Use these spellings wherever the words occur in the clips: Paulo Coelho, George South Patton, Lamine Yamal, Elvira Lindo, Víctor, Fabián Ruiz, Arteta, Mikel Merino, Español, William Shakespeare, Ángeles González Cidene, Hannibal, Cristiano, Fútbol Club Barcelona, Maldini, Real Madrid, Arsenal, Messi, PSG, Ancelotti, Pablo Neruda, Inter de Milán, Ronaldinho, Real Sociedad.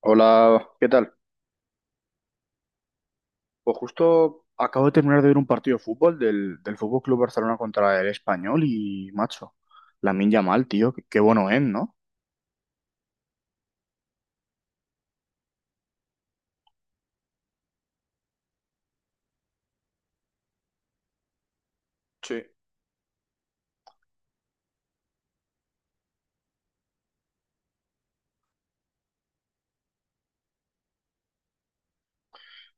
Hola, ¿qué tal? Pues justo acabo de terminar de ver un partido de fútbol del Fútbol Club Barcelona contra el Español y, macho, Lamine Yamal, tío, qué bueno es, ¿no? Sí.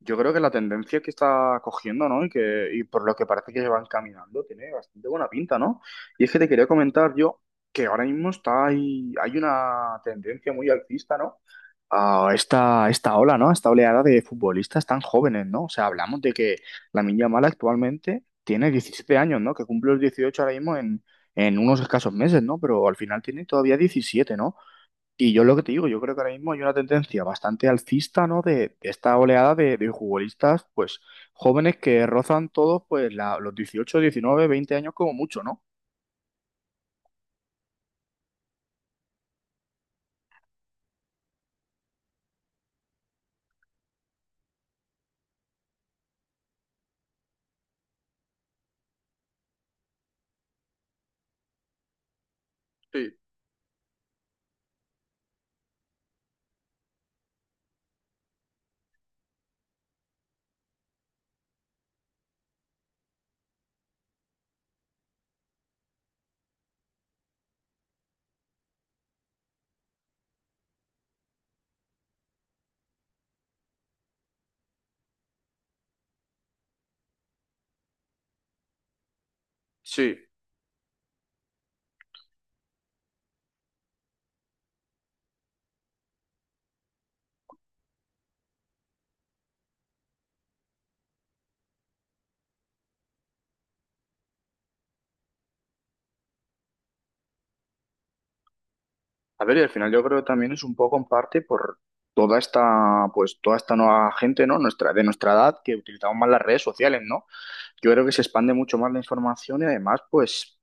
Yo creo que la tendencia que está cogiendo, ¿no? Y por lo que parece que van caminando, tiene bastante buena pinta, ¿no? Y es que te quería comentar yo que ahora mismo hay una tendencia muy alcista, ¿no? A esta ola, ¿no? A esta oleada de futbolistas tan jóvenes, ¿no? O sea, hablamos de que la Yamal actualmente tiene 17 años, ¿no? Que cumple los 18 ahora mismo en unos escasos meses, ¿no? Pero al final tiene todavía 17, ¿no? Y yo lo que te digo, yo creo que ahora mismo hay una tendencia bastante alcista, ¿no? De esta oleada de futbolistas, pues jóvenes que rozan todos, pues los 18, 19, 20 años como mucho, ¿no? Sí, sí. A ver, y al final yo creo que también es un poco en parte por toda esta, pues toda esta nueva gente, ¿no? Nuestra, de nuestra edad, que utilizamos más las redes sociales, ¿no? Yo creo que se expande mucho más la información y además, pues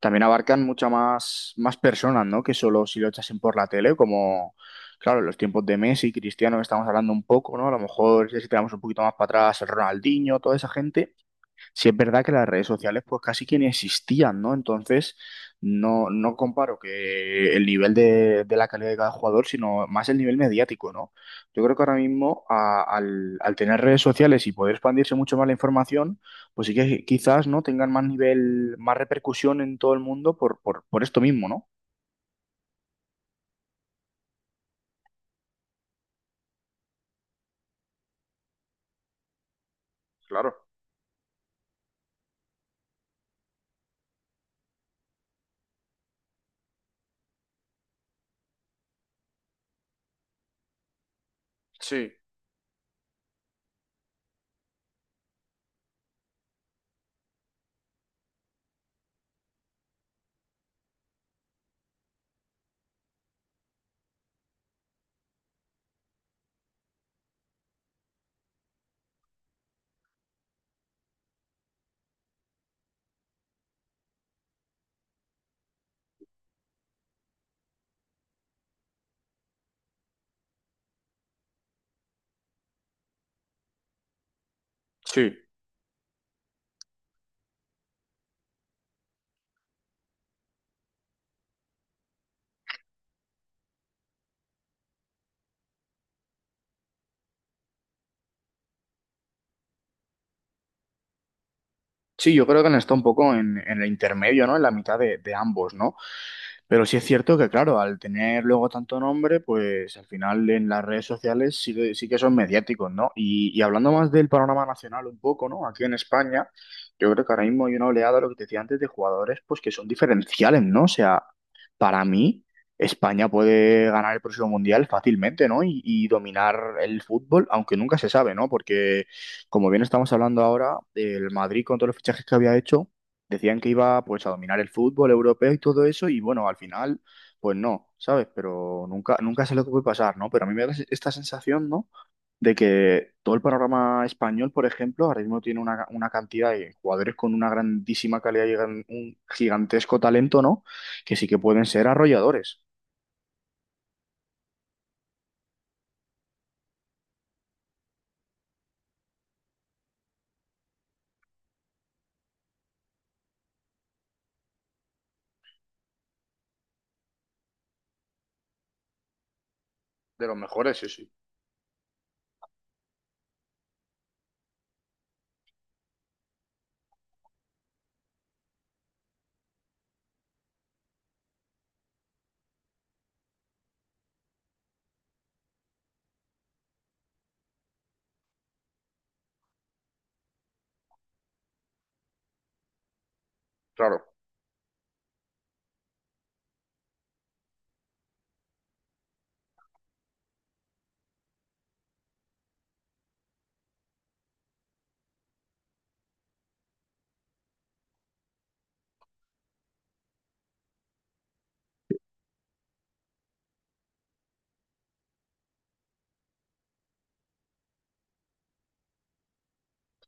también abarcan muchas más personas, ¿no? Que solo si lo echasen por la tele, como, claro, los tiempos de Messi, Cristiano, que estamos hablando un poco, ¿no? A lo mejor si tiramos un poquito más para atrás, el Ronaldinho, toda esa gente. Sí, es verdad que las redes sociales pues casi que ni existían, ¿no? Entonces, no, no comparo que el nivel de la calidad de cada jugador, sino más el nivel mediático, ¿no? Yo creo que ahora mismo al tener redes sociales y poder expandirse mucho más la información, pues sí que quizás, ¿no? Tengan más nivel, más repercusión en todo el mundo por esto mismo, ¿no? Claro, sí, sí. Sí, yo creo que han estado un poco en el intermedio, ¿no? En la mitad de ambos, ¿no? Pero sí es cierto que, claro, al tener luego tanto nombre, pues al final en las redes sociales sí que son mediáticos, ¿no? Y hablando más del panorama nacional un poco, ¿no? Aquí en España, yo creo que ahora mismo hay una oleada, lo que te decía antes, de jugadores, pues que son diferenciales, ¿no? O sea, para mí, España puede ganar el próximo mundial fácilmente, ¿no? Y dominar el fútbol, aunque nunca se sabe, ¿no? Porque como bien estamos hablando ahora, el Madrid con todos los fichajes que había hecho, decían que iba pues a dominar el fútbol europeo y todo eso, y bueno, al final, pues no, ¿sabes? Pero nunca, nunca sé lo que puede pasar, ¿no? Pero a mí me da esta sensación, ¿no? De que todo el panorama español, por ejemplo, ahora mismo tiene una cantidad de jugadores con una grandísima calidad y un gigantesco talento, ¿no? Que sí que pueden ser arrolladores, de los mejores, sí, sí, claro,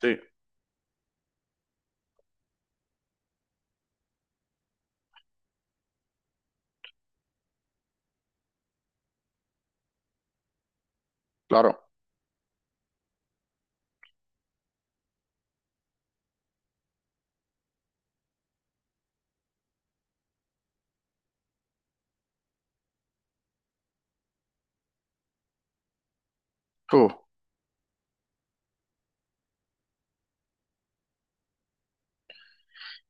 sí, claro. Uf.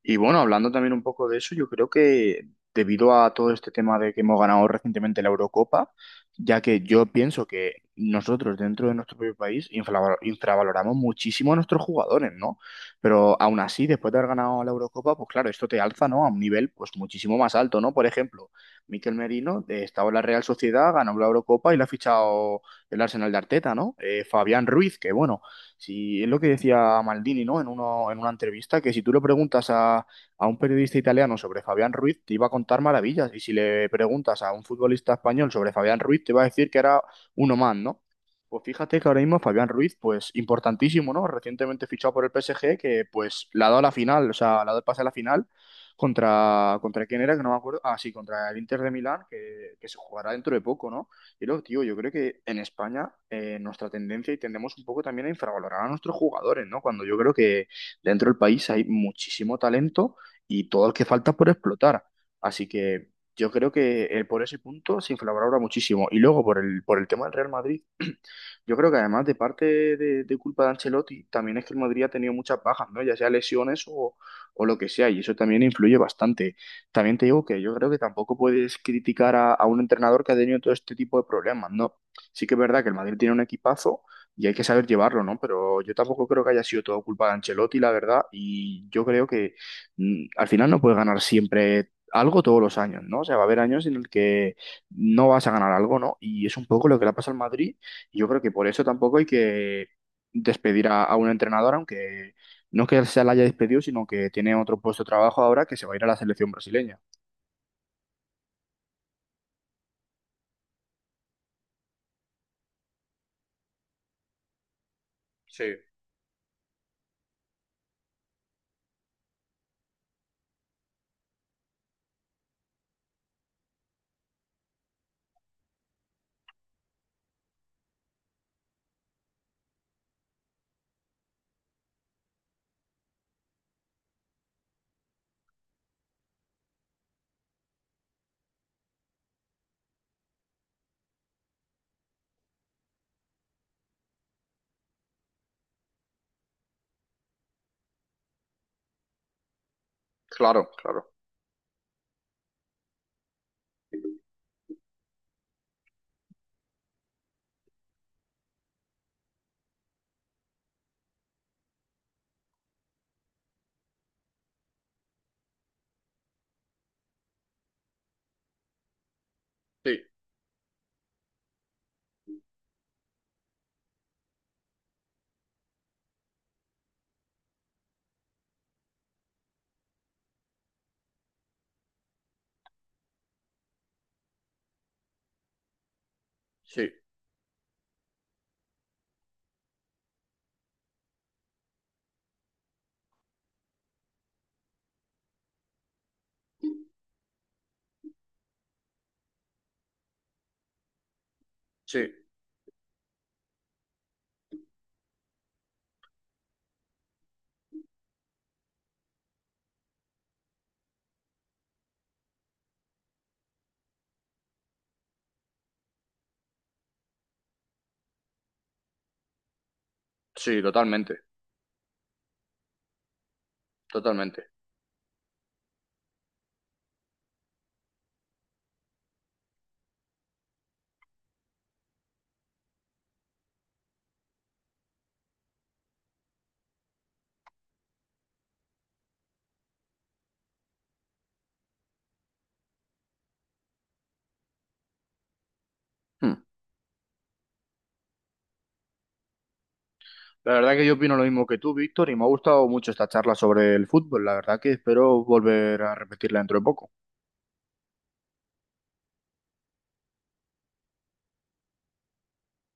Y bueno, hablando también un poco de eso, yo creo que debido a todo este tema de que hemos ganado recientemente la Eurocopa, ya que yo pienso que nosotros dentro de nuestro propio país infravaloramos muchísimo a nuestros jugadores, ¿no? Pero aún así, después de haber ganado la Eurocopa, pues claro, esto te alza, ¿no? A un nivel pues muchísimo más alto, ¿no? Por ejemplo, Mikel Merino estaba en la Real Sociedad, ganó la Eurocopa y le ha fichado el Arsenal de Arteta, ¿no? Fabián Ruiz, que bueno. Si es lo que decía Maldini, ¿no? En una entrevista, que si tú le preguntas a, un periodista italiano sobre Fabián Ruiz, te iba a contar maravillas. Y si le preguntas a un futbolista español sobre Fabián Ruiz, te va a decir que era uno más, ¿no? Pues fíjate que ahora mismo Fabián Ruiz, pues importantísimo, ¿no? Recientemente fichado por el PSG, que pues le ha dado la final, o sea, le ha dado el pase a la final contra quién era, que no me acuerdo. Ah, sí, contra el Inter de Milán, que se jugará dentro de poco, ¿no? Y luego, tío, yo creo que en España nuestra tendencia y tendemos un poco también a infravalorar a nuestros jugadores, ¿no? Cuando yo creo que dentro del país hay muchísimo talento y todo el que falta por explotar. Así que yo creo que por ese punto se infravalora muchísimo. Y luego por el, tema del Real Madrid. Yo creo que además de parte de culpa de Ancelotti, también es que el Madrid ha tenido muchas bajas, ¿no? Ya sea lesiones o lo que sea, y eso también influye bastante. También te digo que yo creo que tampoco puedes criticar a un entrenador que ha tenido todo este tipo de problemas, ¿no? Sí que es verdad que el Madrid tiene un equipazo y hay que saber llevarlo, ¿no? Pero yo tampoco creo que haya sido todo culpa de Ancelotti, la verdad, y yo creo que al final no puedes ganar siempre algo todos los años, ¿no? O sea, va a haber años en el que no vas a ganar algo, ¿no? Y es un poco lo que le pasa al Madrid, yo creo que por eso tampoco hay que despedir a, un entrenador, aunque no es que se la haya despedido, sino que tiene otro puesto de trabajo ahora que se va a ir a la selección brasileña. Sí, claro, claro. Sí, sí, sí, sí, totalmente, totalmente. Hmm. La verdad que yo opino lo mismo que tú, Víctor, y me ha gustado mucho esta charla sobre el fútbol. La verdad que espero volver a repetirla dentro de poco.